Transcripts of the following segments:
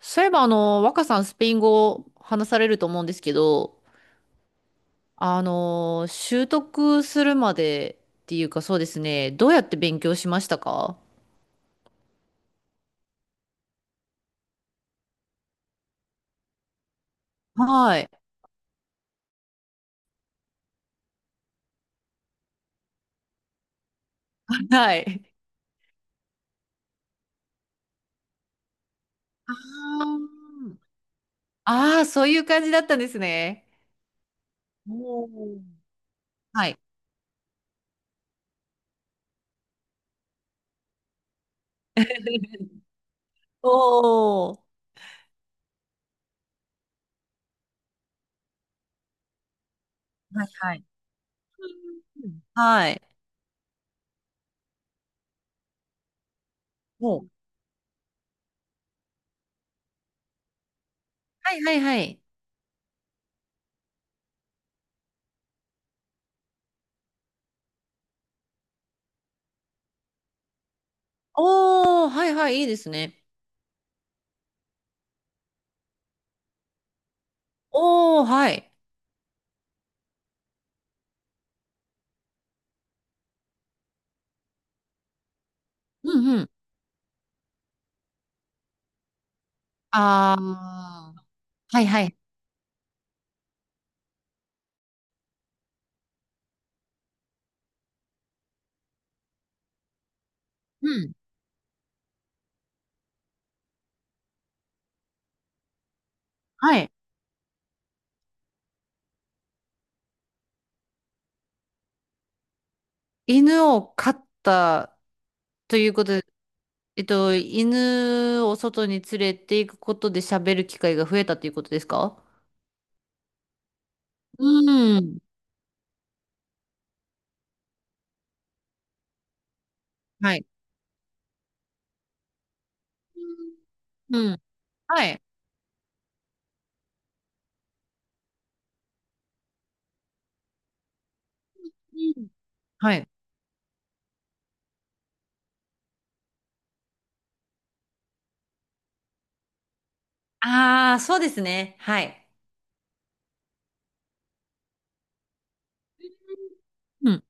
そういえば、若さんスペイン語話されると思うんですけど、習得するまでっていうかそうですね、どうやって勉強しましたか？はい。はい。あー、ああ、そういう感じだったんですね。おー、はい。おー。はいはい。うん、はい。おー、はいはいはい。おー、はいはい、いいですね。おー、はい。うんうん。ああ、はいはい。はい。犬を飼ったということで、犬を外に連れて行くことで喋る機会が増えたということですか？うん。はい。うん。はい。うん、はい。ああー、そうですね。はい。うん。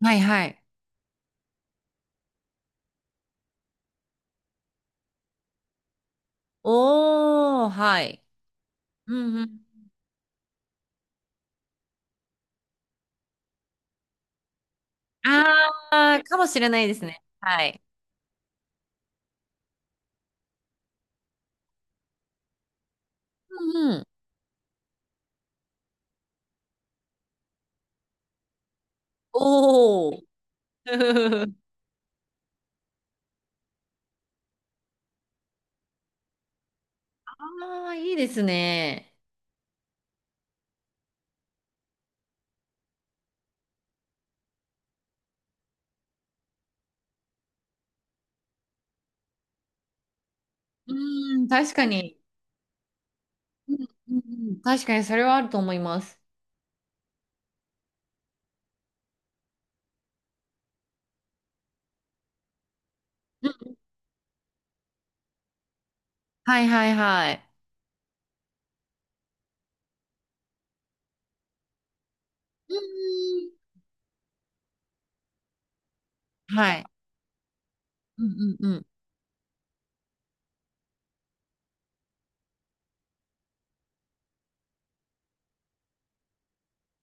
はいはい。おー、はい。うんうん。ああ、かもしれないですね。はい。うんうん。おー。ああ、いいですね。うん、確かに。うんうん、確かにそれはあると思います。うん、はいはいはい。うん、はい。うんうんうん。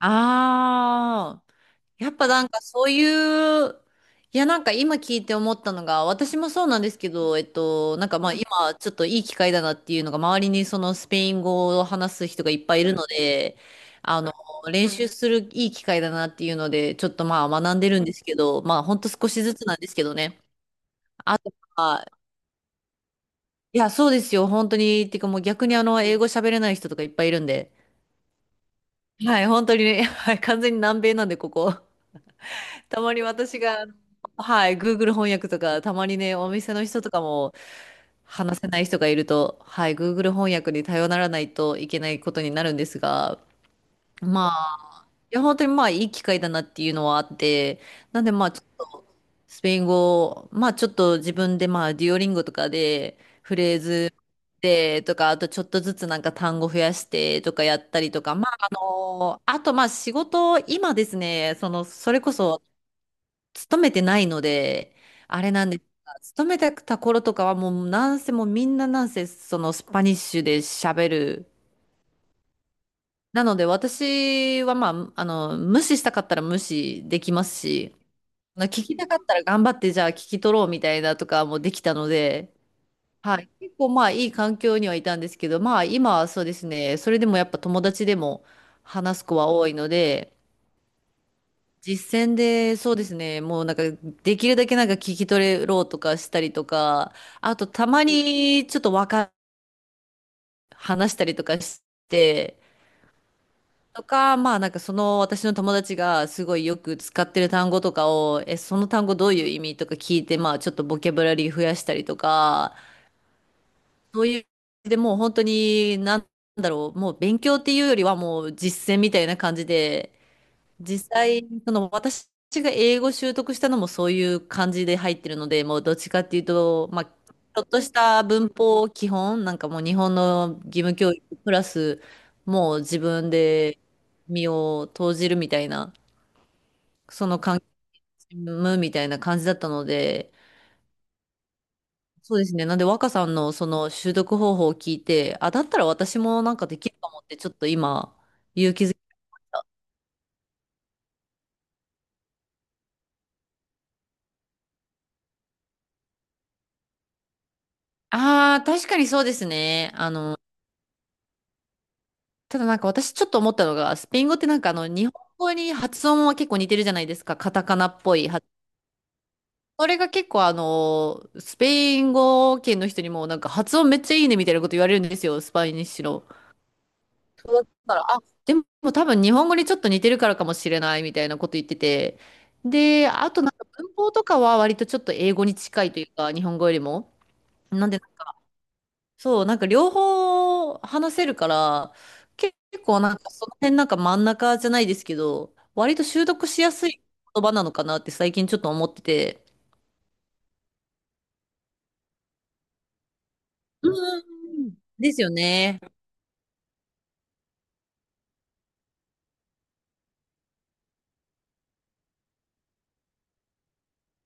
ああ、やっぱなんかそういう、いや、なんか今聞いて思ったのが、私もそうなんですけど、なんかまあ今ちょっといい機会だなっていうのが、周りにそのスペイン語を話す人がいっぱいいるので、あの、練習するいい機会だなっていうので、ちょっとまあ学んでるんですけど、まあほんと少しずつなんですけどね。あとはいや、そうですよ。本当に。っていうかもう逆に英語喋れない人とかいっぱいいるんで。はい、本当にね、はい、完全に南米なんで、ここ。たまに私が、はい、Google 翻訳とか、たまにね、お店の人とかも話せない人がいると、はい、Google 翻訳に頼らないといけないことになるんですが、まいや、本当にまあいい機会だなっていうのはあって、なんでまあちょっとスペイン語、まあちょっと自分でまあデュオリンゴとかでフレーズでとか、あとちょっとずつなんか単語増やしてとかやったりとか、まああとまあ仕事、今ですね、その、それこそ勤めてないので、あれなんですが、勤めてた頃とかはもうなんせもうみんななんせそのスパニッシュで喋る。なので私はまあ、無視したかったら無視できますし、まあ聞きたかったら頑張ってじゃあ聞き取ろうみたいなとかもできたので、はい。結構まあいい環境にはいたんですけど、まあ今はそうですね、それでもやっぱ友達でも話す子は多いので、実践でそうですね、もうなんかできるだけなんか聞き取ろうとかしたりとか、あとたまにちょっとわか、話したりとかして、とか、まあなんかその私の友達がすごいよく使ってる単語とかを、え、その単語どういう意味とか聞いて、まあちょっとボキャブラリー増やしたりとか、そういう、でもう本当になんだろう、もう勉強っていうよりはもう実践みたいな感じで、実際、その私が英語習得したのもそういう感じで入ってるので、もうどっちかっていうと、まあ、ちょっとした文法基本、なんかもう日本の義務教育プラス、もう自分で身を投じるみたいな、その関係むみたいな感じだったので、そうですね。なんで若さんのその習得方法を聞いて、あ、だったら私もなんかできるかもって、ちょっと今、勇気づけああ、確かにそうですね。あのただなんか私ちょっと思ったのが、スペイン語ってなんか日本語に発音は結構似てるじゃないですか。カタカナっぽい発。それが結構スペイン語圏の人にもなんか発音めっちゃいいねみたいなこと言われるんですよ、スパイニッシュの。だから、あ、でも多分日本語にちょっと似てるからかもしれないみたいなこと言ってて。で、あとなんか文法とかは割とちょっと英語に近いというか、日本語よりも。なんでそう、なんか両方話せるから、結構なんかその辺なんか真ん中じゃないですけど、割と習得しやすい言葉なのかなって最近ちょっと思ってて。うん。ですよね。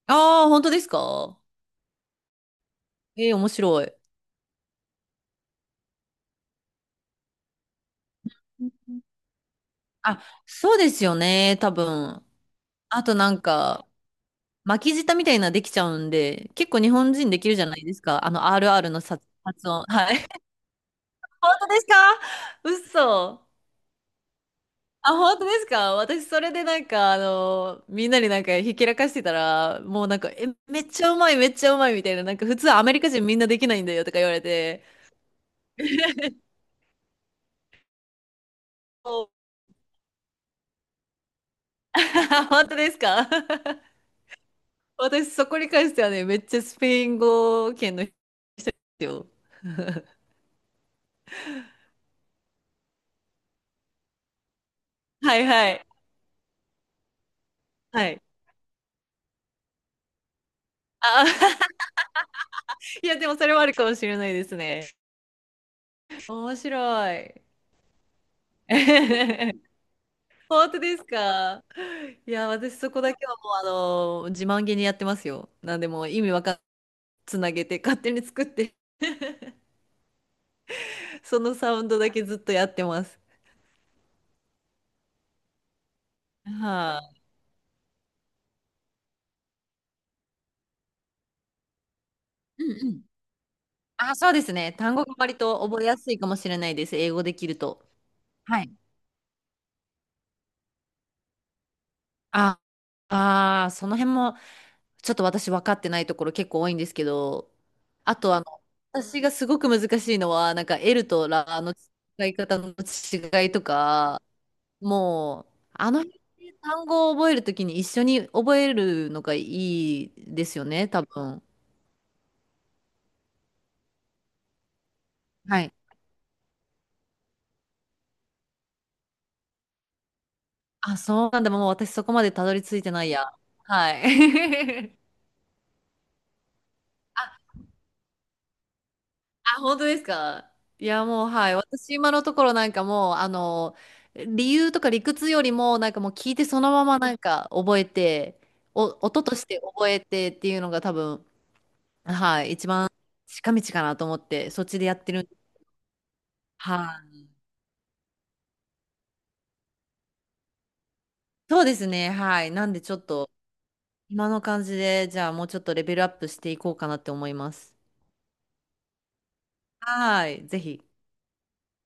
ああ、本当ですか？ええ、面白い。うん、あ、そうですよね、多分。あとなんか、巻き舌みたいなできちゃうんで、結構日本人できるじゃないですか。RR のさ発音。はい。本当ですか？嘘。あ、本当ですか？私、それでなんか、みんなになんか、ひけらかしてたら、もうなんか、え、めっちゃうまい、めっちゃうまい、みたいな、なんか、普通アメリカ人みんなできないんだよ、とか言われて。お 本当ですか？ 私、そこに関してはね、めっちゃスペイン語圏の人ですよ。はいはい。はい。あ、いや、でもそれはあるかもしれないですね。面白い。本当ですか？いや、私そこだけはもう、自慢げにやってますよ。なんでもう意味わかんつなげて勝手に作ってそのサウンドだけずっとやってます。はい、うんうん。あ、そうですね。単語が割と覚えやすいかもしれないです。英語できると。はい。あ、あー、その辺もちょっと私分かってないところ結構多いんですけど、あと私がすごく難しいのは、なんか L とラの使い方の違いとか、もう、あの辺で単語を覚えるときに一緒に覚えるのがいいですよね、多分。はい、あ、そうなんだ。もう私そこまでたどり着いてないや。はい。あ、あ、本当ですか？いや、もう、はい。私、今のところなんかもう、理由とか理屈よりも、なんかもう聞いてそのままなんか覚えて、お、音として覚えてっていうのが多分、はい、一番近道かなと思って、そっちでやってる。はい。そうですね。はい。なんでちょっと、今の感じで、じゃあもうちょっとレベルアップしていこうかなって思います。はい。ぜひ。